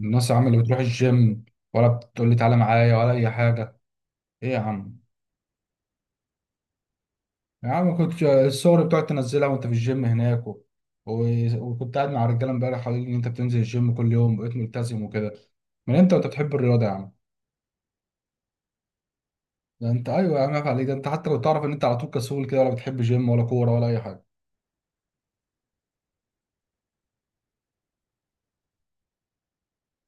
الناس يا عم اللي بتروح الجيم ولا بتقول لي تعالى معايا ولا اي حاجه؟ ايه يا عم؟ يا عم كنت الصور بتقعد تنزلها وانت في الجيم هناك و... وكنت قاعد مع رجاله امبارح قالوا لي ان انت بتنزل الجيم كل يوم بقيت ملتزم وكده. من امتى وانت بتحب الرياضه يا عم؟ ده انت ايوه يا عم، عيب عليك، ده انت حتى لو تعرف ان انت على طول كسول كده ولا بتحب جيم ولا كوره ولا اي حاجه.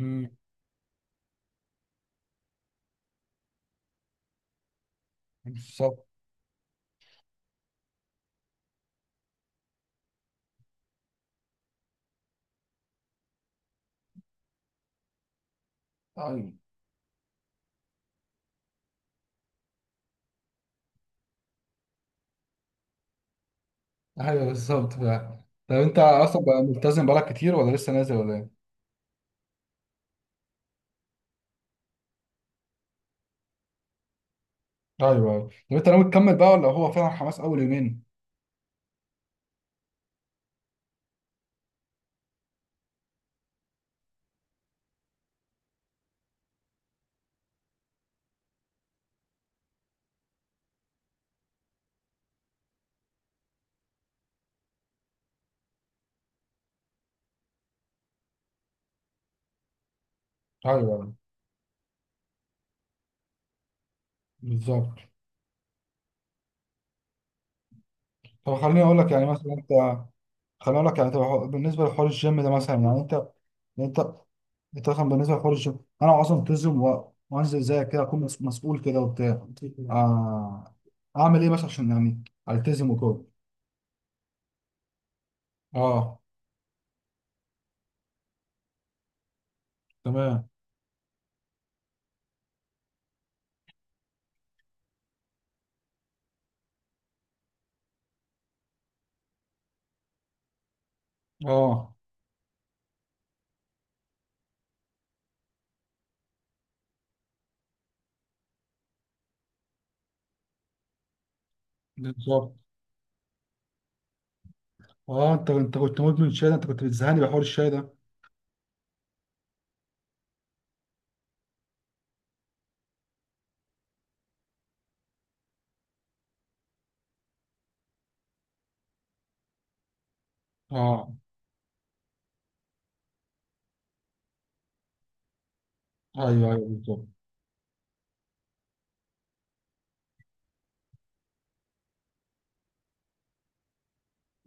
امم. بالظبط. ايوه، ايوه، بالظبط فعلا. طب انت اصلا بقى ملتزم بقالك كتير ولا لسه نازل ولا ايه؟ ايوه، ايوه. طب انت ناوي تكمل بقى ولا هو فعلا حماس اول يومين؟ ايوه، بالظبط. طب خليني اقول لك يعني مثلا انت، خليني اقول لك يعني، طب هو بالنسبه لحوار الجيم ده مثلا يعني انت، انت انت مثلا بالنسبه لحوار الجيم انا اصلا التزم وانزل زيك كده اكون مسؤول كده وبتاع. آه اعمل ايه مثلا عشان يعني التزم وكده؟ اه. تمام. اه، بالظبط. اه، انت كنت مدمن شاي، ده انت كنت بتزهقني بحوار الشاي ده. اه، ايوه، ايوه، بالظبط.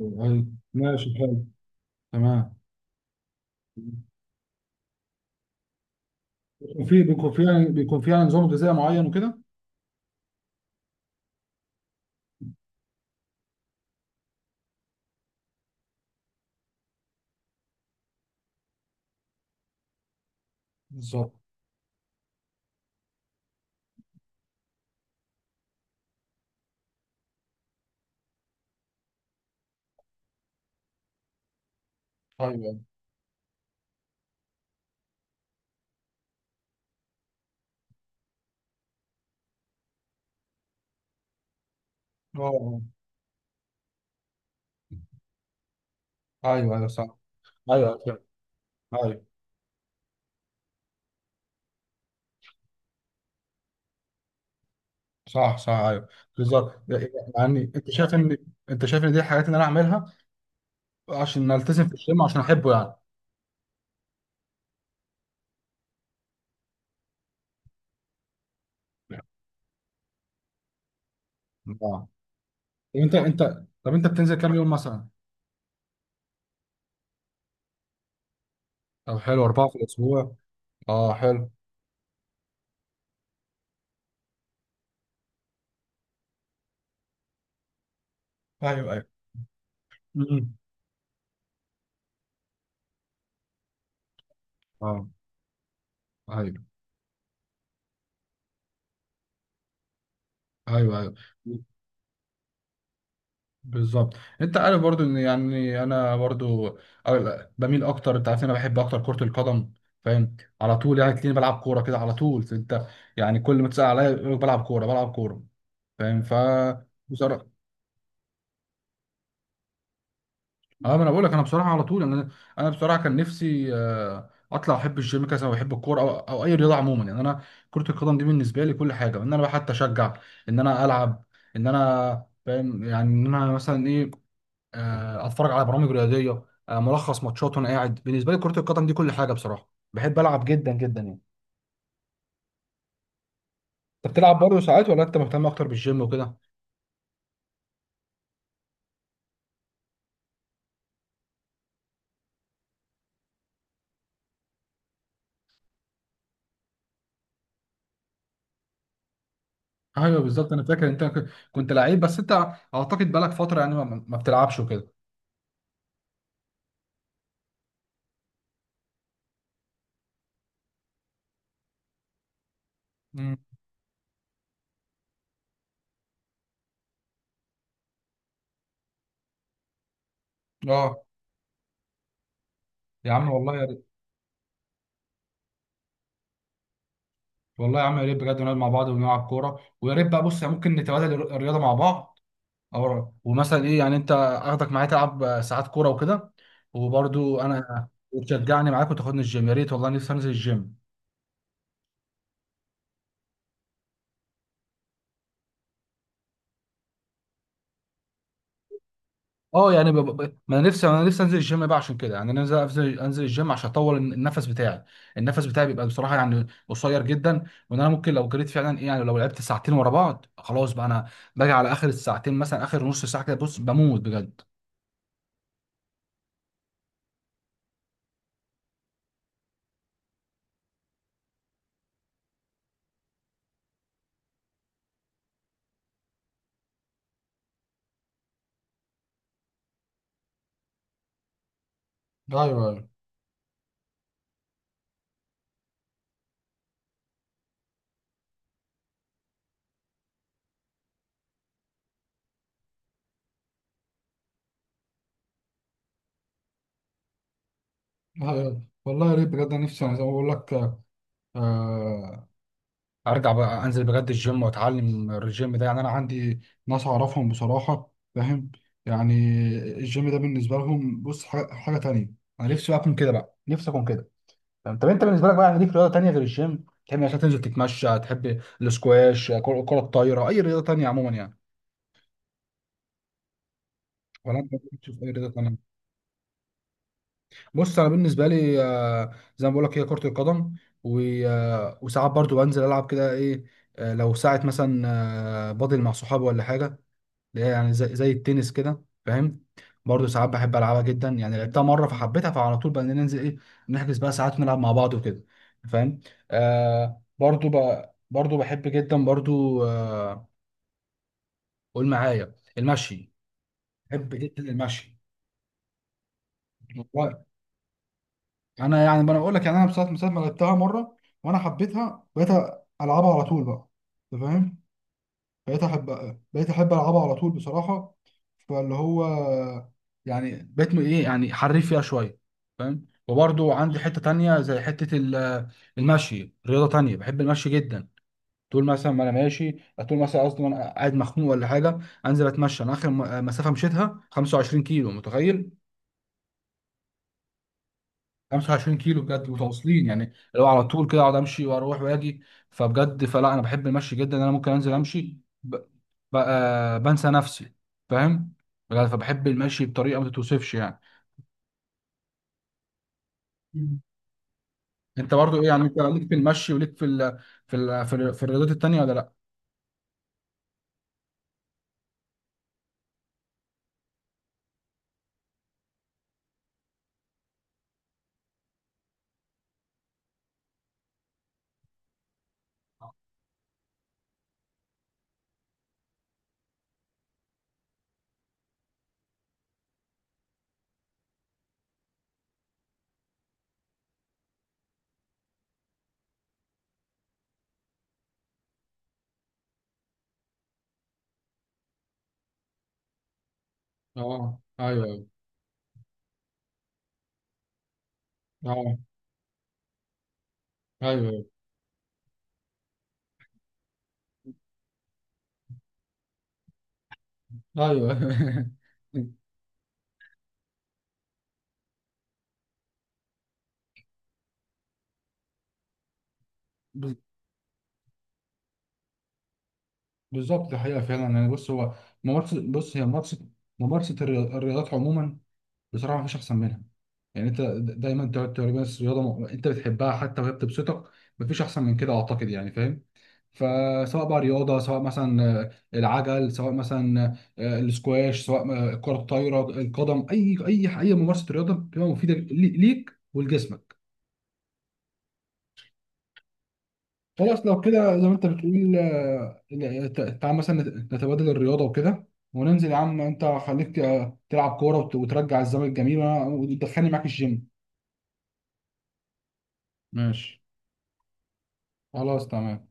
ايوه. ماشي، حلو. تمام. بيكون في بيكون في يعني بيكون في يعني نظام غذائي معين وكده. بالظبط. ايوه. أيوه. اه. آه. ايوه، ايوه، صح. ايوه، فهمت. ايوه. صح، صح. ايوه. بالظبط. يعني انت شايف ان دي الحاجات اللي انا اعملها عشان التزم في الجيم، عشان احبه يعني. اه. طب انت بتنزل كام يوم مثلا؟ طب حلو، أربعة في الأسبوع. اه، حلو. ايوه، ايوه. م- م. اه، ايوه، ايوه، ايوه. بالظبط. انت عارف برضو ان يعني انا برضو بميل اكتر، انت عارف ان انا بحب اكتر كرة القدم، فاهم؟ على طول يعني تلاقيني بلعب كورة كده على طول انت، يعني كل ما تسأل عليا يقول لك بلعب كورة بلعب كورة. فاهم؟ بصراحة اه ما انا بقول لك، انا بصراحة على طول انا بصراحة كان نفسي اطلع احب الجيم كذا وبحب الكورة او اي رياضة عموما يعني. انا كرة القدم دي بالنسبة لي كل حاجة، ان انا بقى حتى اشجع، ان انا العب، ان انا فاهم يعني ان انا مثلا ايه، اتفرج على برامج رياضيه، ملخص ماتشات وانا قاعد. بالنسبه لي كره القدم دي كل حاجه بصراحه، بحب العب جدا جدا يعني. انت بتلعب برضه ساعات ولا انت مهتم اكتر بالجيم وكده؟ ايوه، بالظبط. انا فاكر انت كنت لعيب بس انت، اعتقد بقالك فتره يعني ما بتلعبش وكده. امم. اه. يا عم والله يا ريت. والله يا عم، يا ريت بجد نقعد مع بعض ونلعب كوره، ويا ريت بقى، بص يعني ممكن نتبادل الرياضه مع بعض، او ومثلا ايه يعني انت اخدك معايا تلعب ساعات كوره وكده، وبرضه انا وتشجعني معاك وتاخدني الجيم. يا ريت والله نفسي انزل الجيم. اه يعني ما انا نفسي انزل الجيم بقى عشان كده، يعني انا نفسي انزل الجيم عشان اطول النفس بتاعي بيبقى بصراحه يعني قصير جدا، وان انا ممكن لو جريت فعلا ايه يعني، لو لعبت ساعتين ورا بعض خلاص بقى انا باجي على اخر الساعتين مثلا اخر نص ساعه كده بص بموت بجد. ايوه، ايوه، أيوة. والله يا ريت بجد أنا نفسي يعني زي ما بقول لك. آه ارجع بقى انزل بجد الجيم واتعلم الجيم ده، يعني انا عندي ناس اعرفهم بصراحه، فاهم؟ يعني الجيم ده بالنسبه لهم بص حاجة تانية. انا نفسي بقى اكون كده بقى، نفسي اكون كده. فاهم؟ طب انت بالنسبه لك بقى يعني ليك رياضه تانية غير الجيم تحب عشان تنزل، تتمشى، تحب الاسكواش، كرة الطايره، اي رياضه تانية عموما يعني؟ ولا انت بتشوف اي رياضه تانية؟ بص انا بالنسبه لي زي ما بقول لك هي كره القدم، و... آه، وساعات برضو بنزل العب كده ايه، لو ساعه مثلا بادل مع صحابي ولا حاجه، اللي هي يعني زي التنس كده، فاهم؟ برضه ساعات بحب العبها جدا، يعني لعبتها مره فحبيتها، فعلى طول بقى ننزل ايه، نحجز بقى ساعات نلعب مع بعض وكده، فاهم؟ آه برضه بقى، برضه بحب جدا برضه. قول معايا المشي. بحب جدا المشي. والله انا يعني ما انا اقول لك يعني، انا بصراحه من ساعه ما لعبتها مره وانا حبيتها، بقيت العبها على طول بقى. انت فاهم؟ بقيت احب بقيت احب العبها على طول بصراحه، فاللي هو يعني بقيت ايه يعني حريف فيها شويه، فاهم؟ وبرضو عندي حته تانية زي حته المشي. رياضه تانية بحب المشي جدا، طول مثلا ما انا ماشي، طول مثلا قصدي وانا قاعد مخنوق ولا حاجه انزل اتمشى. انا اخر مسافه مشيتها 25 كيلو، متخيل؟ 25 كيلو بجد متواصلين، يعني لو على طول كده اقعد امشي واروح واجي. فبجد، فلا انا بحب المشي جدا، انا ممكن انزل امشي ب... ب... آه، بنسى نفسي، فاهم؟ بجد فبحب المشي بطريقه ما تتوصفش يعني. مم. انت برضو ايه يعني، انت ليك في المشي وليك في في الرياضات التانيه ولا لا؟ اه، ايوه، ايوه. اه، ايوه، ايوه، ايوه. بز- بالظبط الحقيقه فعلا، يعني بص هي ممارسه الرياضات عموما بصراحه مفيش احسن منها، يعني انت دايما تقعد تقول بس رياضه انت بتحبها حتى وهي بتبسطك، مفيش احسن من كده اعتقد يعني، فاهم؟ فسواء بقى رياضه، سواء مثلا العجل، سواء مثلا السكواش، سواء الكره الطايره، القدم، اي ممارسه رياضه بتبقى مفيده ليك ولجسمك. خلاص لو كده زي ما انت بتقول تعال مثلا نتبادل الرياضه وكده، وننزل يا عم. انت خليك تلعب كوره وترجع الزمن الجميل، وتدخلني معاك الجيم. ماشي، خلاص، تمام.